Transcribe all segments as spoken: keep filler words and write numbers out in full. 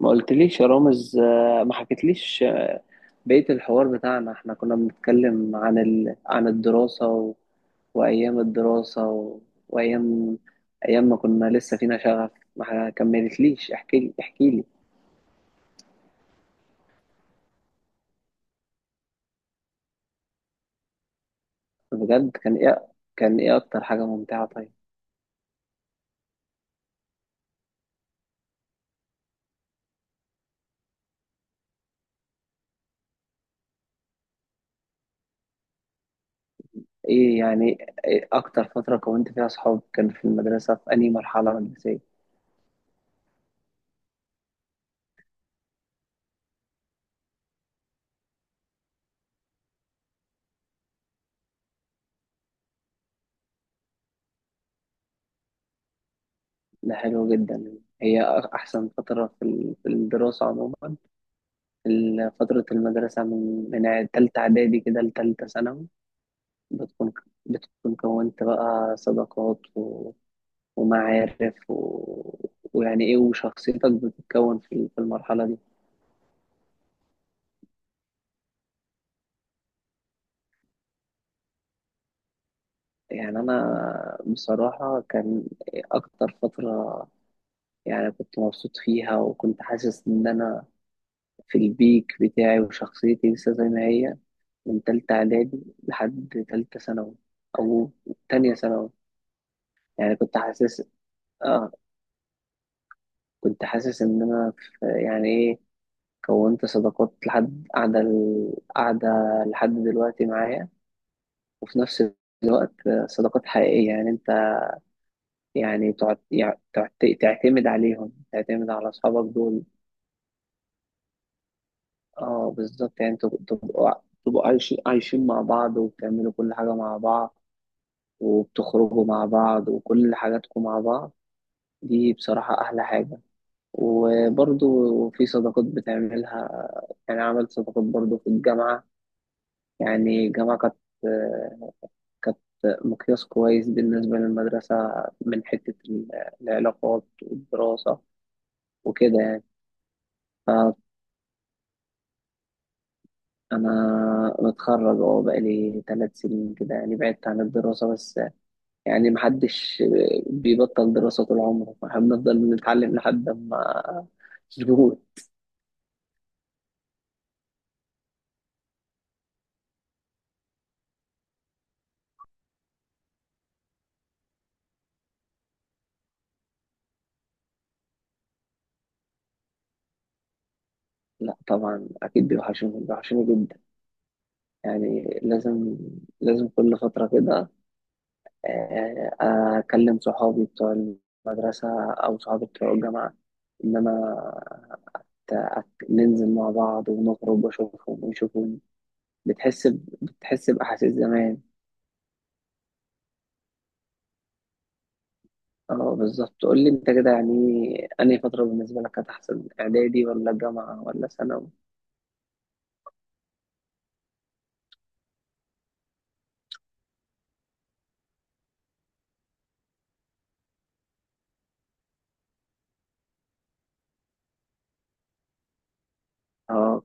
ما قلتليش يا رامز آه، ما حكيتليش آه، بقية الحوار بتاعنا احنا كنا بنتكلم عن ال... عن الدراسة و... وأيام الدراسة و... وأيام أيام ما كنا لسه فينا شغف. ما كملتليش، احكيلي احكيلي بجد. كان ايه؟ كان ايه أكتر حاجة ممتعة طيب؟ ايه يعني، إيه أكتر فترة كونت فيها صحاب؟ كان في المدرسة في أنهي مرحلة مدرسية؟ ده حلو جدا. هي أحسن فترة في ال- في الدراسة عموما؟ ال- فترة المدرسة من من تالتة إعدادي كده لتالتة ثانوي بتكون بتكون كونت بقى صداقات و... ومعارف و... ويعني إيه، وشخصيتك بتتكون في في المرحلة دي. يعني أنا بصراحة، كان أكتر فترة يعني كنت مبسوط فيها وكنت حاسس إن أنا في البيك بتاعي وشخصيتي لسه زي ما هي، من تالتة إعدادي لحد تالتة ثانوي أو تانية ثانوي. يعني كنت حاسس، اه كنت حاسس إن أنا في يعني إيه، كونت صداقات لحد قاعدة قاعدة لحد دلوقتي معايا. وفي نفس الوقت صداقات حقيقية، يعني أنت يعني تقعد يعني تقعد تعتمد عليهم، تعتمد على أصحابك دول. أه بالظبط، يعني تب- تبقوا تبقوا عايشين عايشين مع بعض، وبتعملوا كل حاجة مع بعض، وبتخرجوا مع بعض، وكل حاجاتكم مع بعض. دي بصراحة أحلى حاجة. وبرضو في صداقات بتعملها، يعني عملت صداقات برضو في الجامعة. يعني الجامعة كانت، كانت مقياس كويس بالنسبة للمدرسة، من حتة ال- العلاقات والدراسة وكده يعني. فأنا متخرج أهو، بقالي ثلاث سنين كده يعني بعدت عن الدراسة، بس يعني محدش بيبطل دراسة طول عمره، احنا بنفضل نتعلم لحد ما نقول. لا طبعا أكيد بيوحشوني، بيوحشوني جدا. يعني لازم، لازم كل فترة كده آه، اكلم صحابي بتوع المدرسه او صحابي بتوع الجامعه، ان انا ننزل مع بعض ونخرج واشوفهم ويشوفوني. بتحس ب... بتحس باحاسيس زمان. اه بالظبط. قول لي انت كده يعني، انهي فتره بالنسبه لك كانت احسن؟ اعدادي ولا الجامعه ولا ثانوي؟ اه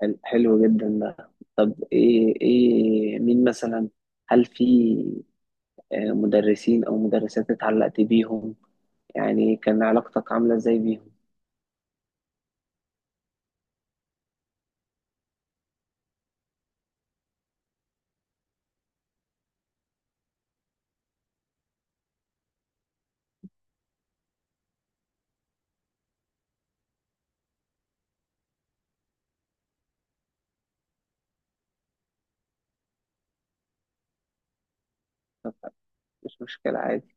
حل- حلو جدا ده. ايه، ايه مين مثلا؟ هل في آه، مدرسين او مدرسات اتعلقت بيهم؟ يعني كان علاقتك عامله ازاي بيهم؟ طب مش مشكله، عادي.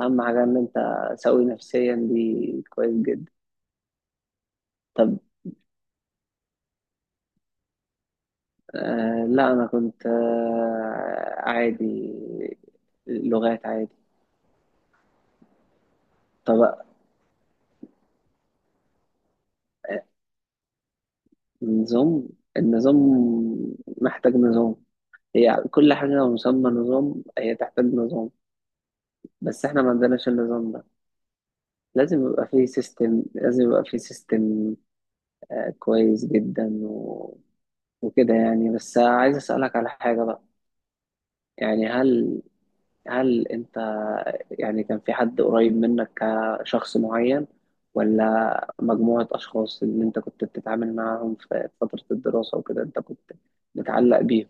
اهم حاجه ان انت سوي نفسيا، دي كويس جدا. طب، آه لا انا كنت آه عادي، لغات عادي. طب نظام، النظام محتاج نظام. هي كل حاجه لو مسمى نظام هي تحتاج نظام. بس احنا ما عندناش النظام ده. لازم يبقى فيه سيستم، لازم يبقى فيه سيستم كويس جدا و... وكده يعني. بس عايز اسالك على حاجه بقى. يعني هل، هل انت يعني كان في حد قريب منك كشخص معين، ولا مجموعة أشخاص اللي انت كنت بتتعامل معاهم في فترة الدراسة وكده انت كنت متعلق بيهم؟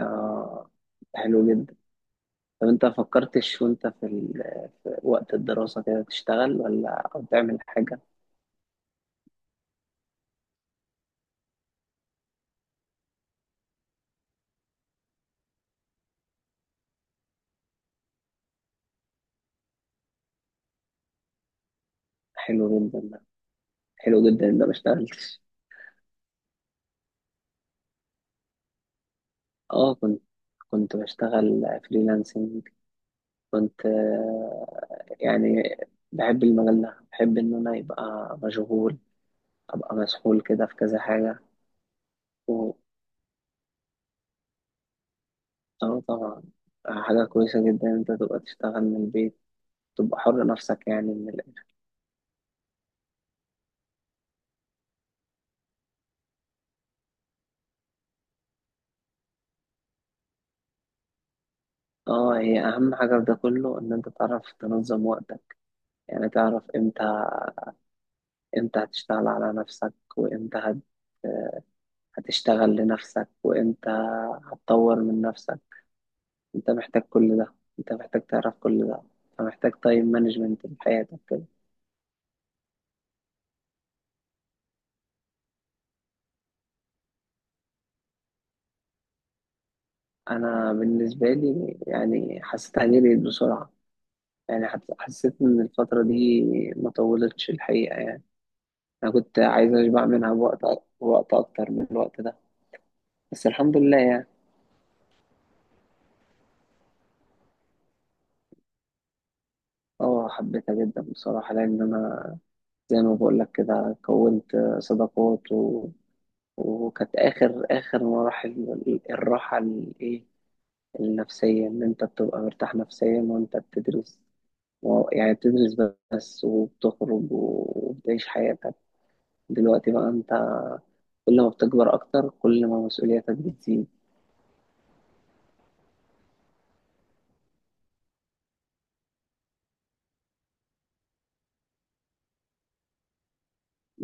آه، حلو جدا. طب انت فكرتش وانت في، ال... في وقت الدراسة كده تشتغل، ولا أو تعمل حاجة؟ حلو جدا ده، حلو جدا ان انا ما اشتغلتش. اه كنت، كنت بشتغل فريلانسنج. كنت يعني بحب المجال ده، بحب إن أنا يبقى مشغول، أبقى مسحول كده في كذا حاجة و... آه طبعا، حاجة كويسة جدا إن أنت تبقى تشتغل من البيت، تبقى حر نفسك يعني من ال... آه هي أهم حاجة في ده كله إن أنت تعرف تنظم وقتك. يعني تعرف إمتى، إمتى هتشتغل على نفسك، وإمتى هت... هتشتغل لنفسك، وإمتى هتطور من نفسك. أنت محتاج كل ده، أنت محتاج تعرف كل ده، أنت محتاج تايم مانجمنت في حياتك. انا بالنسبه لي يعني حسيت عليه بقيت بسرعه. يعني حت- حسيت ان الفتره دي ما طولتش الحقيقه يعني. انا كنت عايز اشبع منها بوقت أ- وقت اكتر من الوقت ده، بس الحمد لله يعني. اه حبيتها جدا بصراحه لان انا زي ما بقول لك كده، كونت صداقات و... وكانت اخر اخر مراحل ال- الراحه الايه، النفسيه، ان انت بتبقى مرتاح نفسيا وانت بتدرس، و- يعني بتدرس بس وبتخرج وبتعيش حياتك. دلوقتي بقى انت كل ما بتكبر اكتر كل ما مسؤولياتك بتزيد.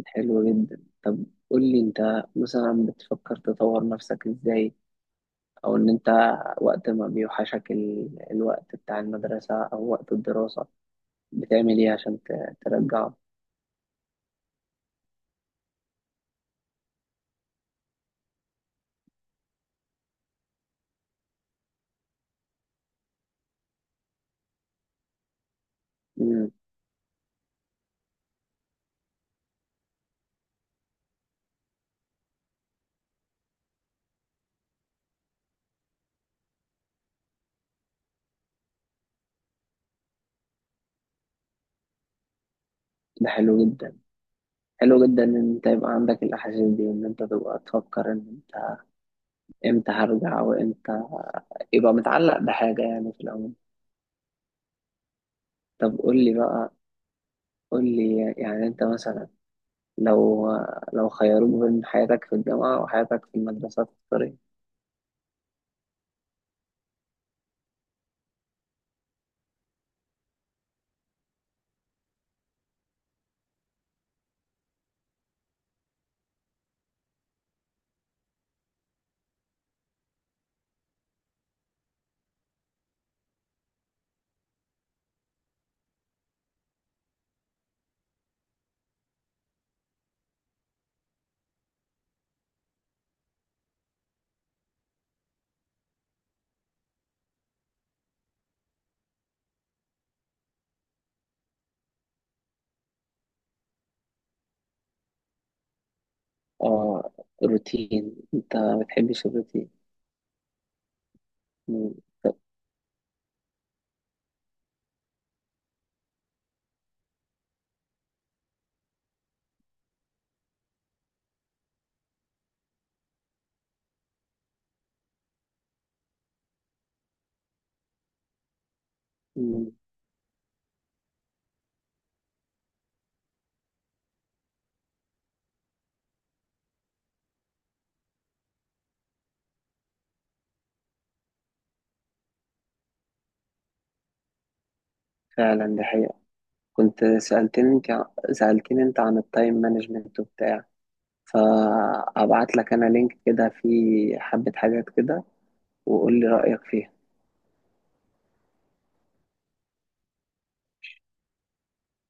حلو جدا. طب قول لي انت مثلا بتفكر تطور نفسك ازاي، او ان انت وقت ما بيوحشك ال... الوقت بتاع المدرسة او وقت الدراسة، بتعمل ايه عشان ت... ترجعه؟ مم. ده حلو جدا، حلو جدا ان انت يبقى عندك الاحاسيس دي، وان انت تبقى تفكر ان انت امتى هرجع وامتى، يبقى متعلق بحاجة يعني في العموم. طب قول لي بقى، قول لي يعني انت مثلا لو، لو خيروك بين حياتك في الجامعة وحياتك في المدرسة تختار ايه؟ اه الروتين، انت ما بتحبش الروتين. مم. مم. فعلا دي حقيقة. كنت سألتني انت، سألتني انت عن التايم مانجمنت وبتاع، فأبعت لك انا لينك كده فيه حبة حاجات كده، وقول لي رأيك فيها.